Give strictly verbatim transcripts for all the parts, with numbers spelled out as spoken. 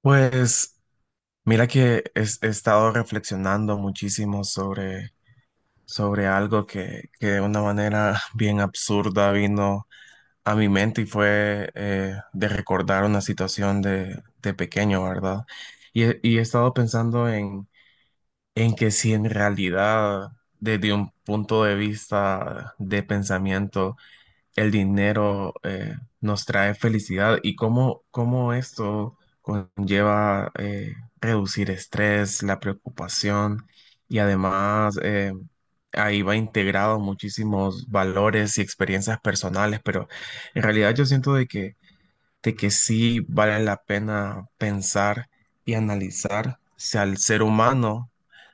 Pues mira que es- he, estado reflexionando muchísimo sobre, sobre algo que, que de una manera bien absurda vino a mi mente y fue eh, de recordar una situación de, de pequeño, ¿verdad? Y, he y he estado pensando en, en que si en realidad, desde un punto de vista de pensamiento, el dinero eh, nos trae felicidad y cómo, cómo esto conlleva eh, reducir estrés, la preocupación y además eh, ahí va integrado muchísimos valores y experiencias personales, pero en realidad yo siento de que de que sí vale la pena pensar y analizar si al ser humano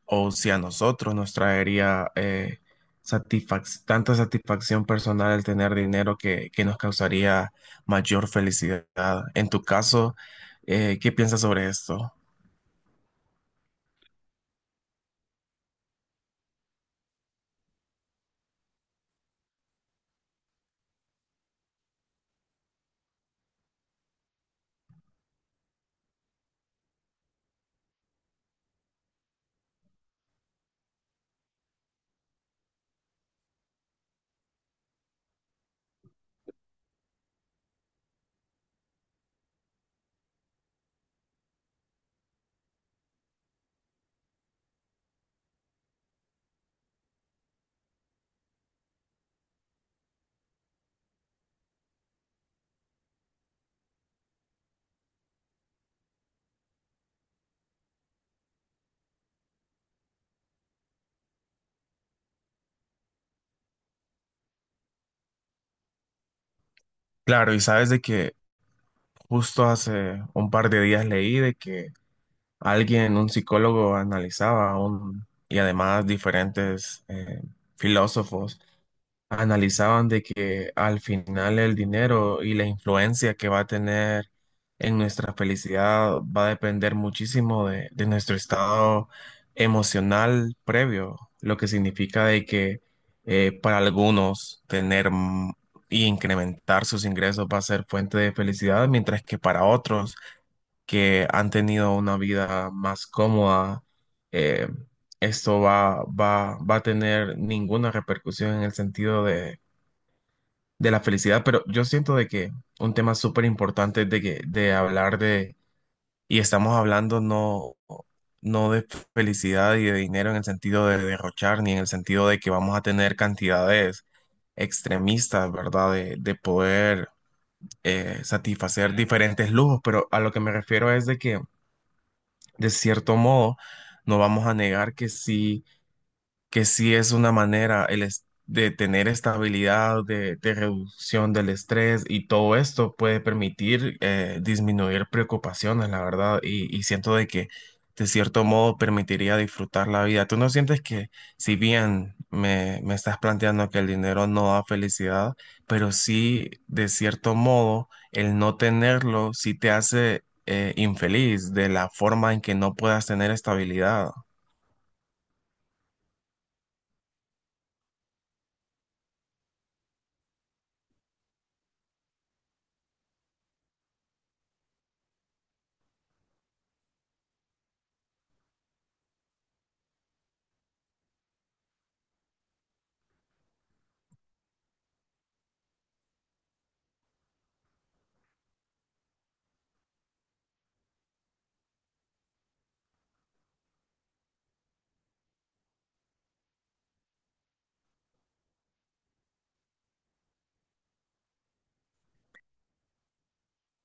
o si a nosotros nos traería eh, satisfac- tanta satisfacción personal el tener dinero que, que nos causaría mayor felicidad. En tu caso, eh, ¿qué piensas sobre esto? Claro, y sabes de que justo hace un par de días leí de que alguien, un psicólogo, analizaba un, y además diferentes eh, filósofos analizaban de que al final el dinero y la influencia que va a tener en nuestra felicidad va a depender muchísimo de, de nuestro estado emocional previo, lo que significa de que eh, para algunos tener mm, y incrementar sus ingresos va a ser fuente de felicidad, mientras que para otros que han tenido una vida más cómoda, eh, esto va, va, va a tener ninguna repercusión en el sentido de, de la felicidad, pero yo siento de que un tema súper importante de que de hablar de y estamos hablando no no de felicidad y de dinero en el sentido de derrochar ni en el sentido de que vamos a tener cantidades extremistas, ¿verdad? De, de poder eh, satisfacer diferentes lujos, pero a lo que me refiero es de que de cierto modo no vamos a negar que sí que sí es una manera el es- de tener estabilidad, de, de reducción del estrés y todo esto puede permitir eh, disminuir preocupaciones, la verdad, y, y siento de que de cierto modo permitiría disfrutar la vida. ¿Tú no sientes que si bien me, me estás planteando que el dinero no da felicidad, pero sí de cierto modo el no tenerlo sí te hace eh, infeliz de la forma en que no puedas tener estabilidad?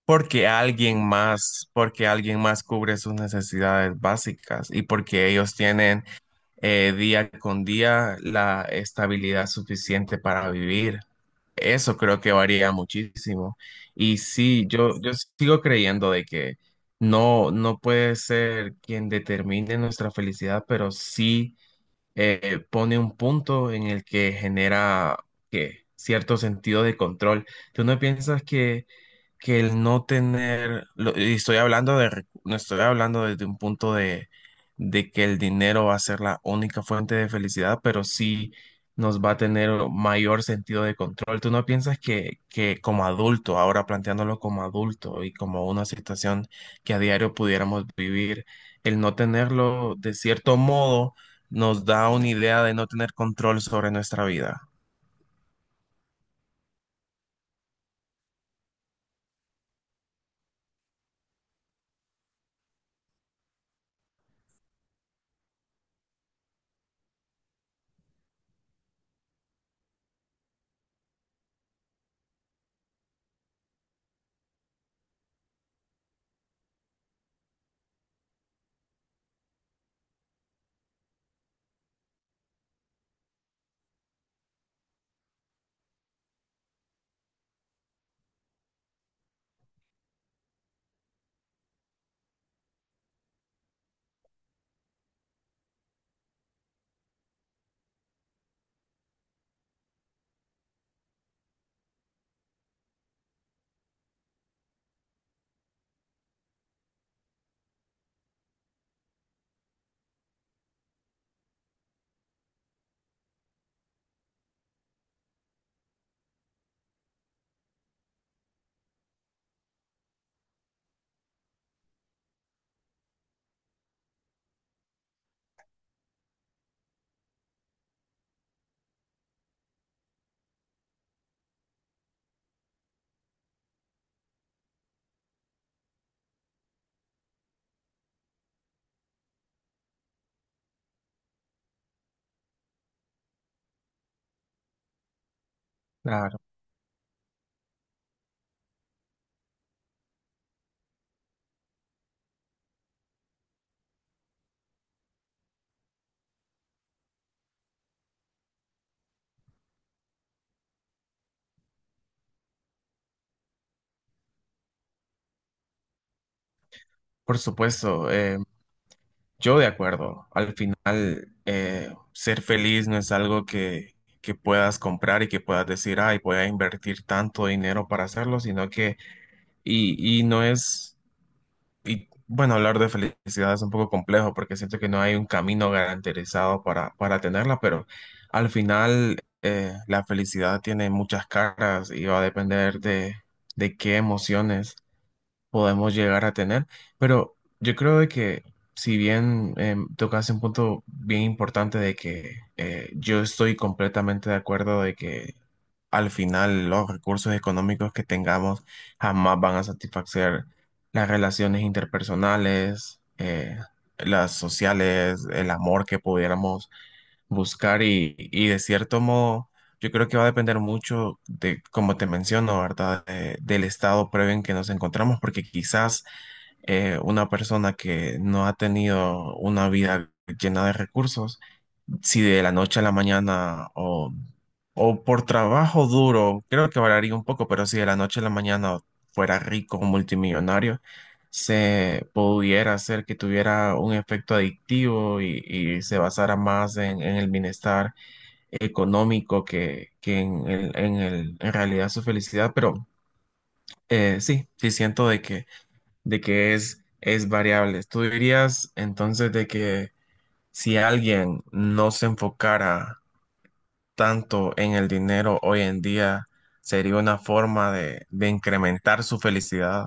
Porque alguien más, porque alguien más cubre sus necesidades básicas y porque ellos tienen eh, día con día la estabilidad suficiente para vivir. Eso creo que varía muchísimo. Y sí, yo, yo sigo creyendo de que no, no puede ser quien determine nuestra felicidad, pero sí eh, pone un punto en el que genera que cierto sentido de control. ¿Tú no piensas que, que el no tener, lo- y estoy hablando de, recu- no estoy hablando desde un punto de, de que el dinero va a ser la única fuente de felicidad, pero sí nos va a tener mayor sentido de control? ¿Tú no piensas que, que como adulto, ahora planteándolo como adulto y como una situación que a diario pudiéramos vivir, el no tenerlo de cierto modo nos da una idea de no tener control sobre nuestra vida? Claro, por supuesto, eh, yo de acuerdo. Al final, eh, ser feliz no es algo que, que puedas comprar y que puedas decir, ay, voy a invertir tanto dinero para hacerlo, sino que, y, y no es, y bueno, hablar de felicidad es un poco complejo porque siento que no hay un camino garantizado para, para tenerla, pero al final, eh, la felicidad tiene muchas caras y va a depender de, de qué emociones podemos llegar a tener, pero yo creo de que si bien tocas un punto bien importante de que eh, yo estoy completamente de acuerdo de que al final los recursos económicos que tengamos jamás van a satisfacer las relaciones interpersonales, eh, las sociales, el amor que pudiéramos buscar y, y de cierto modo yo creo que va a depender mucho de, como te menciono, ¿verdad? De- del estado previo en que nos encontramos, porque quizás eh, una persona que no ha tenido una vida llena de recursos, si de la noche a la mañana o, o por trabajo duro, creo que variaría un poco, pero si de la noche a la mañana fuera rico o multimillonario, se pudiera hacer que tuviera un efecto adictivo y, y se basara más en en el bienestar económico que, que en el- en el- en realidad su felicidad, pero eh, sí, sí siento de que, de que es, es variable. ¿Tú dirías entonces de que si alguien no se enfocara tanto en el dinero hoy en día, sería una forma de, de incrementar su felicidad?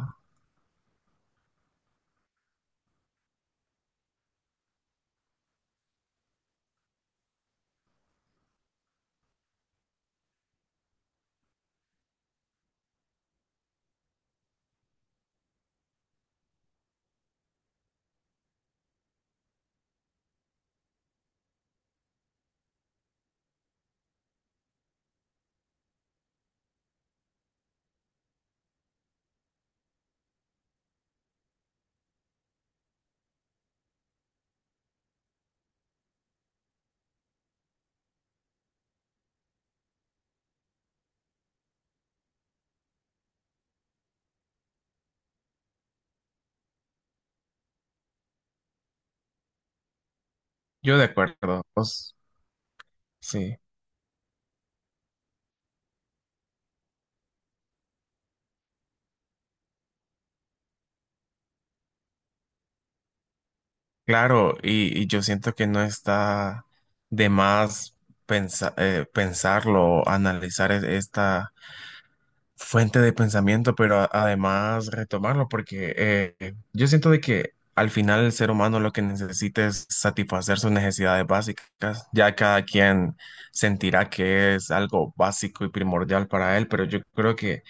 Yo de acuerdo, pues, sí, claro, y, y yo siento que no está de más pensa- eh, pensarlo, analizar e- esta fuente de pensamiento, pero a- además retomarlo, porque eh, eh, yo siento de que al final el ser humano lo que necesita es satisfacer sus necesidades básicas. Ya cada quien sentirá que es algo básico y primordial para él, pero yo creo que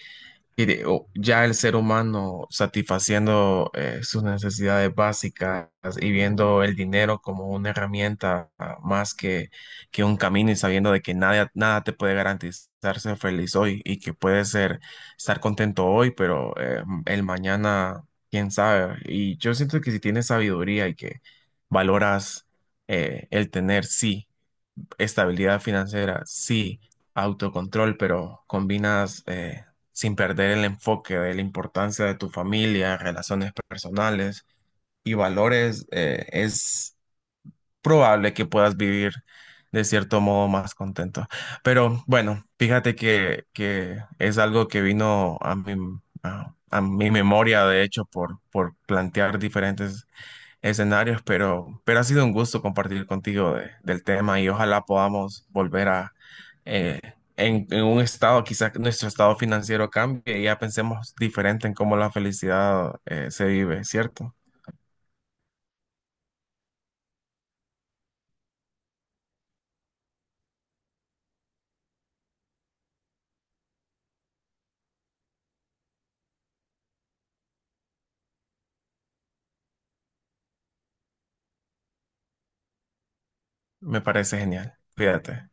y de- o ya el ser humano satisfaciendo eh, sus necesidades básicas y viendo el dinero como una herramienta ah, más que, que un camino y sabiendo de que nada, nada te puede garantizar ser feliz hoy y que puede ser estar contento hoy, pero eh, el mañana, quién sabe. Y yo siento que si tienes sabiduría y que valoras eh, el tener, sí. Estabilidad financiera, sí, autocontrol, pero combinas eh, sin perder el enfoque de la importancia de tu familia, relaciones personales y valores, eh, es probable que puedas vivir de cierto modo más contento. Pero bueno, fíjate que, que es algo que vino a mi, a, a mi memoria, de hecho, por, por plantear diferentes escenarios, pero, pero ha sido un gusto compartir contigo de- del tema y ojalá podamos volver a, eh, en, en un estado, quizás nuestro estado financiero cambie y ya pensemos diferente en cómo la felicidad eh, se vive, ¿cierto? Me parece genial. Cuídate.